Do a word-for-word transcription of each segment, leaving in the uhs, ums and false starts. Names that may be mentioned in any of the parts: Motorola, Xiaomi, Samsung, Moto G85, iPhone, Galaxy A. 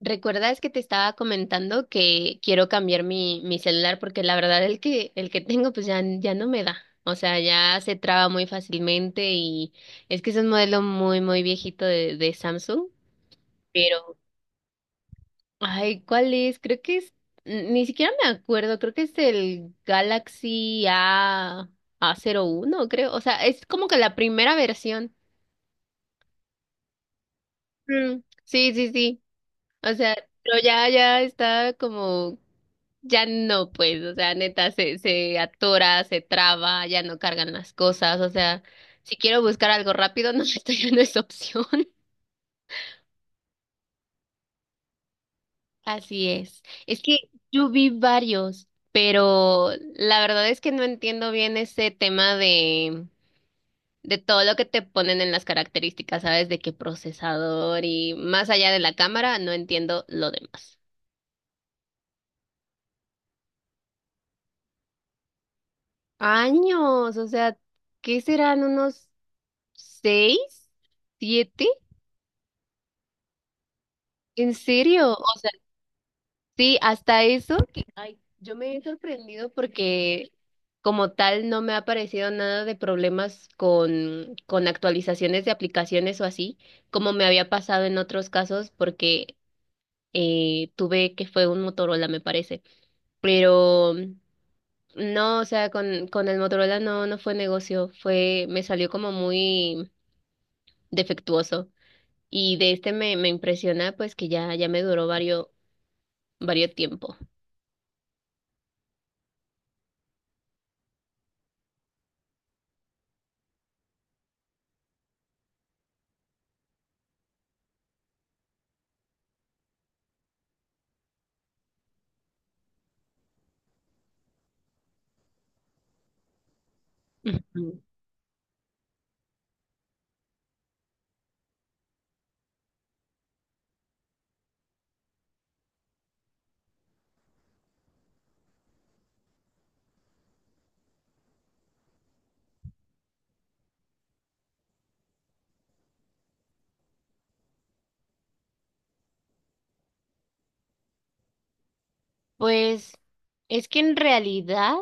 ¿Recuerdas que te estaba comentando que quiero cambiar mi, mi celular? Porque la verdad el que, el que tengo pues ya, ya no me da. O sea, ya se traba muy fácilmente y es que es un modelo muy, muy viejito de, de Samsung. Pero, ay, ¿cuál es? Creo que es, n- ni siquiera me acuerdo, creo que es el Galaxy A, a uno creo. O sea, es como que la primera versión. Mm, sí, sí, sí. O sea, pero ya, ya está como ya no, pues, o sea, neta, se, se atora, se traba, ya no cargan las cosas, o sea, si quiero buscar algo rápido, no, esto ya no es opción. Así es. Es que yo vi varios, pero la verdad es que no entiendo bien ese tema de, de todo lo que te ponen en las características, ¿sabes? De qué procesador y más allá de la cámara, no entiendo lo demás. Años, o sea, ¿qué serán unos seis, siete? ¿En serio? O sea, sí, hasta eso que, ay, yo me he sorprendido porque como tal no me ha aparecido nada de problemas con, con actualizaciones de aplicaciones o así, como me había pasado en otros casos porque eh, tuve que fue un Motorola, me parece. Pero mm, no, o sea, con, con el Motorola no, no fue negocio, fue, me salió como muy defectuoso. Y de este me, me impresiona pues que ya, ya me duró varios, varios tiempo. Pues es que en realidad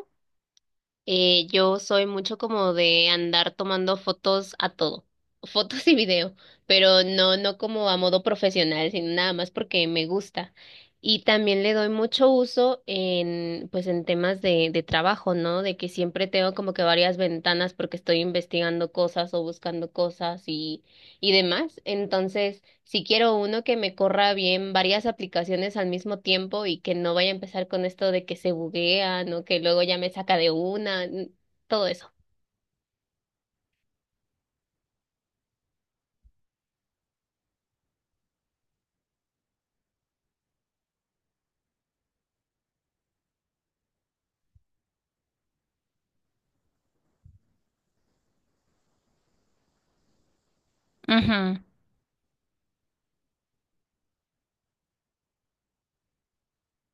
eh, yo soy mucho como de andar tomando fotos a todo, fotos y video, pero no, no como a modo profesional, sino nada más porque me gusta. Y también le doy mucho uso en, pues en temas de, de trabajo, ¿no? De que siempre tengo como que varias ventanas porque estoy investigando cosas o buscando cosas y, y demás. Entonces, si quiero uno que me corra bien varias aplicaciones al mismo tiempo y que no vaya a empezar con esto de que se buguean o que luego ya me saca de una, n- todo eso. Ujú.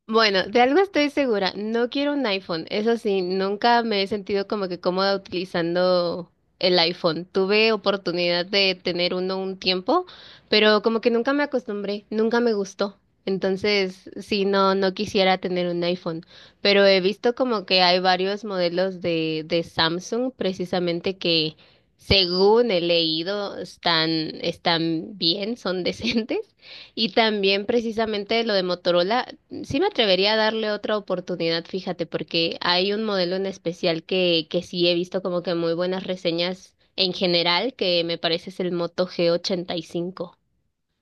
Bueno, de algo estoy segura, no quiero un iPhone. Eso sí, nunca me he sentido como que cómoda utilizando el iPhone. Tuve oportunidad de tener uno un tiempo, pero como que nunca me acostumbré, nunca me gustó. Entonces, sí, no, no quisiera tener un iPhone, pero he visto como que hay varios modelos de, de Samsung precisamente que, según he leído, están, están bien, son decentes. Y también precisamente lo de Motorola. Sí me atrevería a darle otra oportunidad, fíjate, porque hay un modelo en especial que, que sí he visto como que muy buenas reseñas en general, que me parece es el Moto G ochenta y cinco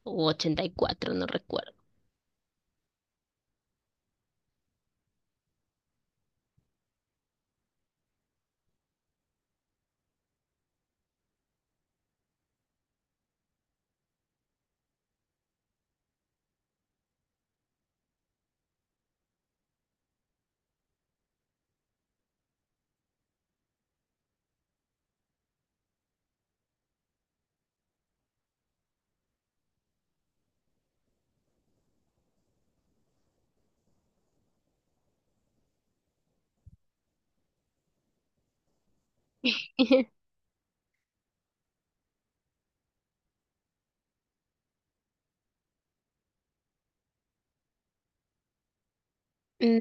o ochenta y cuatro, no recuerdo. Mm.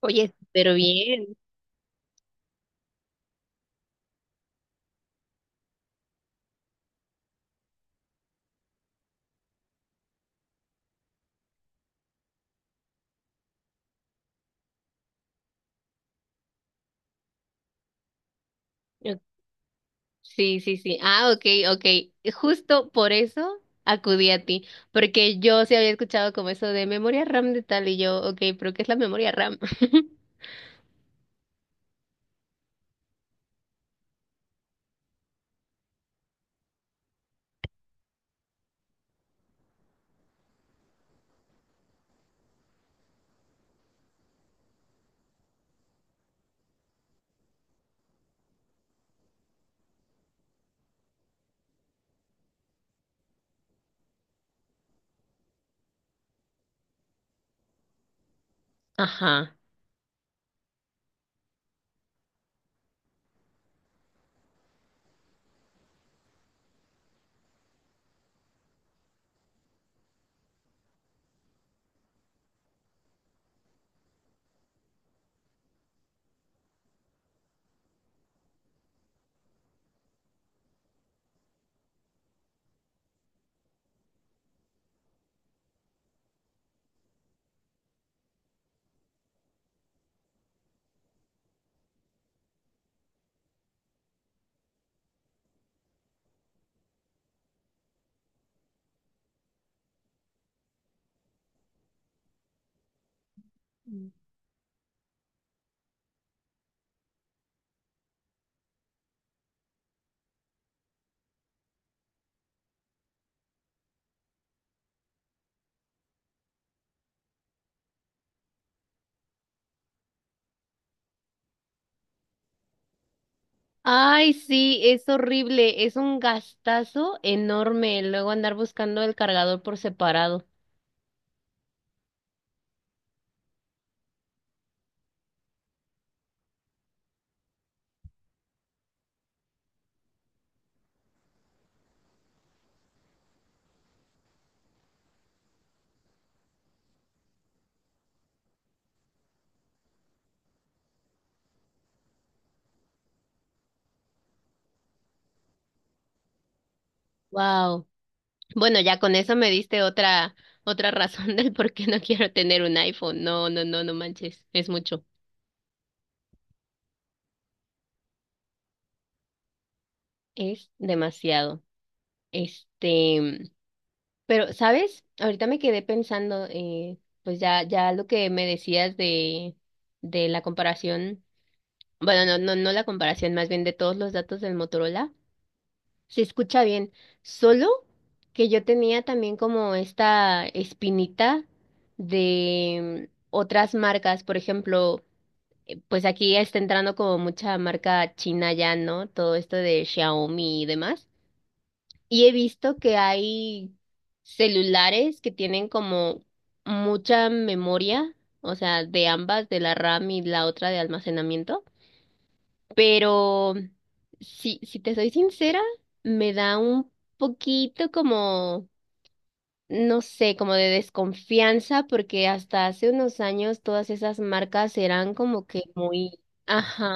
Oye, pero bien. Ok, sí, sí, sí. Ah, ok, ok. Justo por eso acudí a ti, porque yo sí había escuchado como eso de memoria RAM de tal y yo, ok, pero ¿qué es la memoria RAM? Ajá. Ay, sí, es horrible, es un gastazo enorme luego andar buscando el cargador por separado. Wow. Bueno, ya con eso me diste otra otra razón del por qué no quiero tener un iPhone. No, no, no, no manches, es mucho. Es demasiado. Este, pero ¿sabes? Ahorita me quedé pensando eh, pues ya ya lo que me decías de de la comparación, bueno, no no no la comparación, más bien de todos los datos del Motorola. Se escucha bien. Solo que yo tenía también como esta espinita de mm, otras marcas, por ejemplo, pues aquí está entrando como mucha marca china ya, ¿no? Todo esto de Xiaomi y demás. Y he visto que hay celulares que tienen como mucha memoria, o sea, de ambas, de la RAM y la otra de almacenamiento. Pero si, si te soy sincera, me da un poquito como, no sé, como de desconfianza, porque hasta hace unos años todas esas marcas eran como que muy, ajá,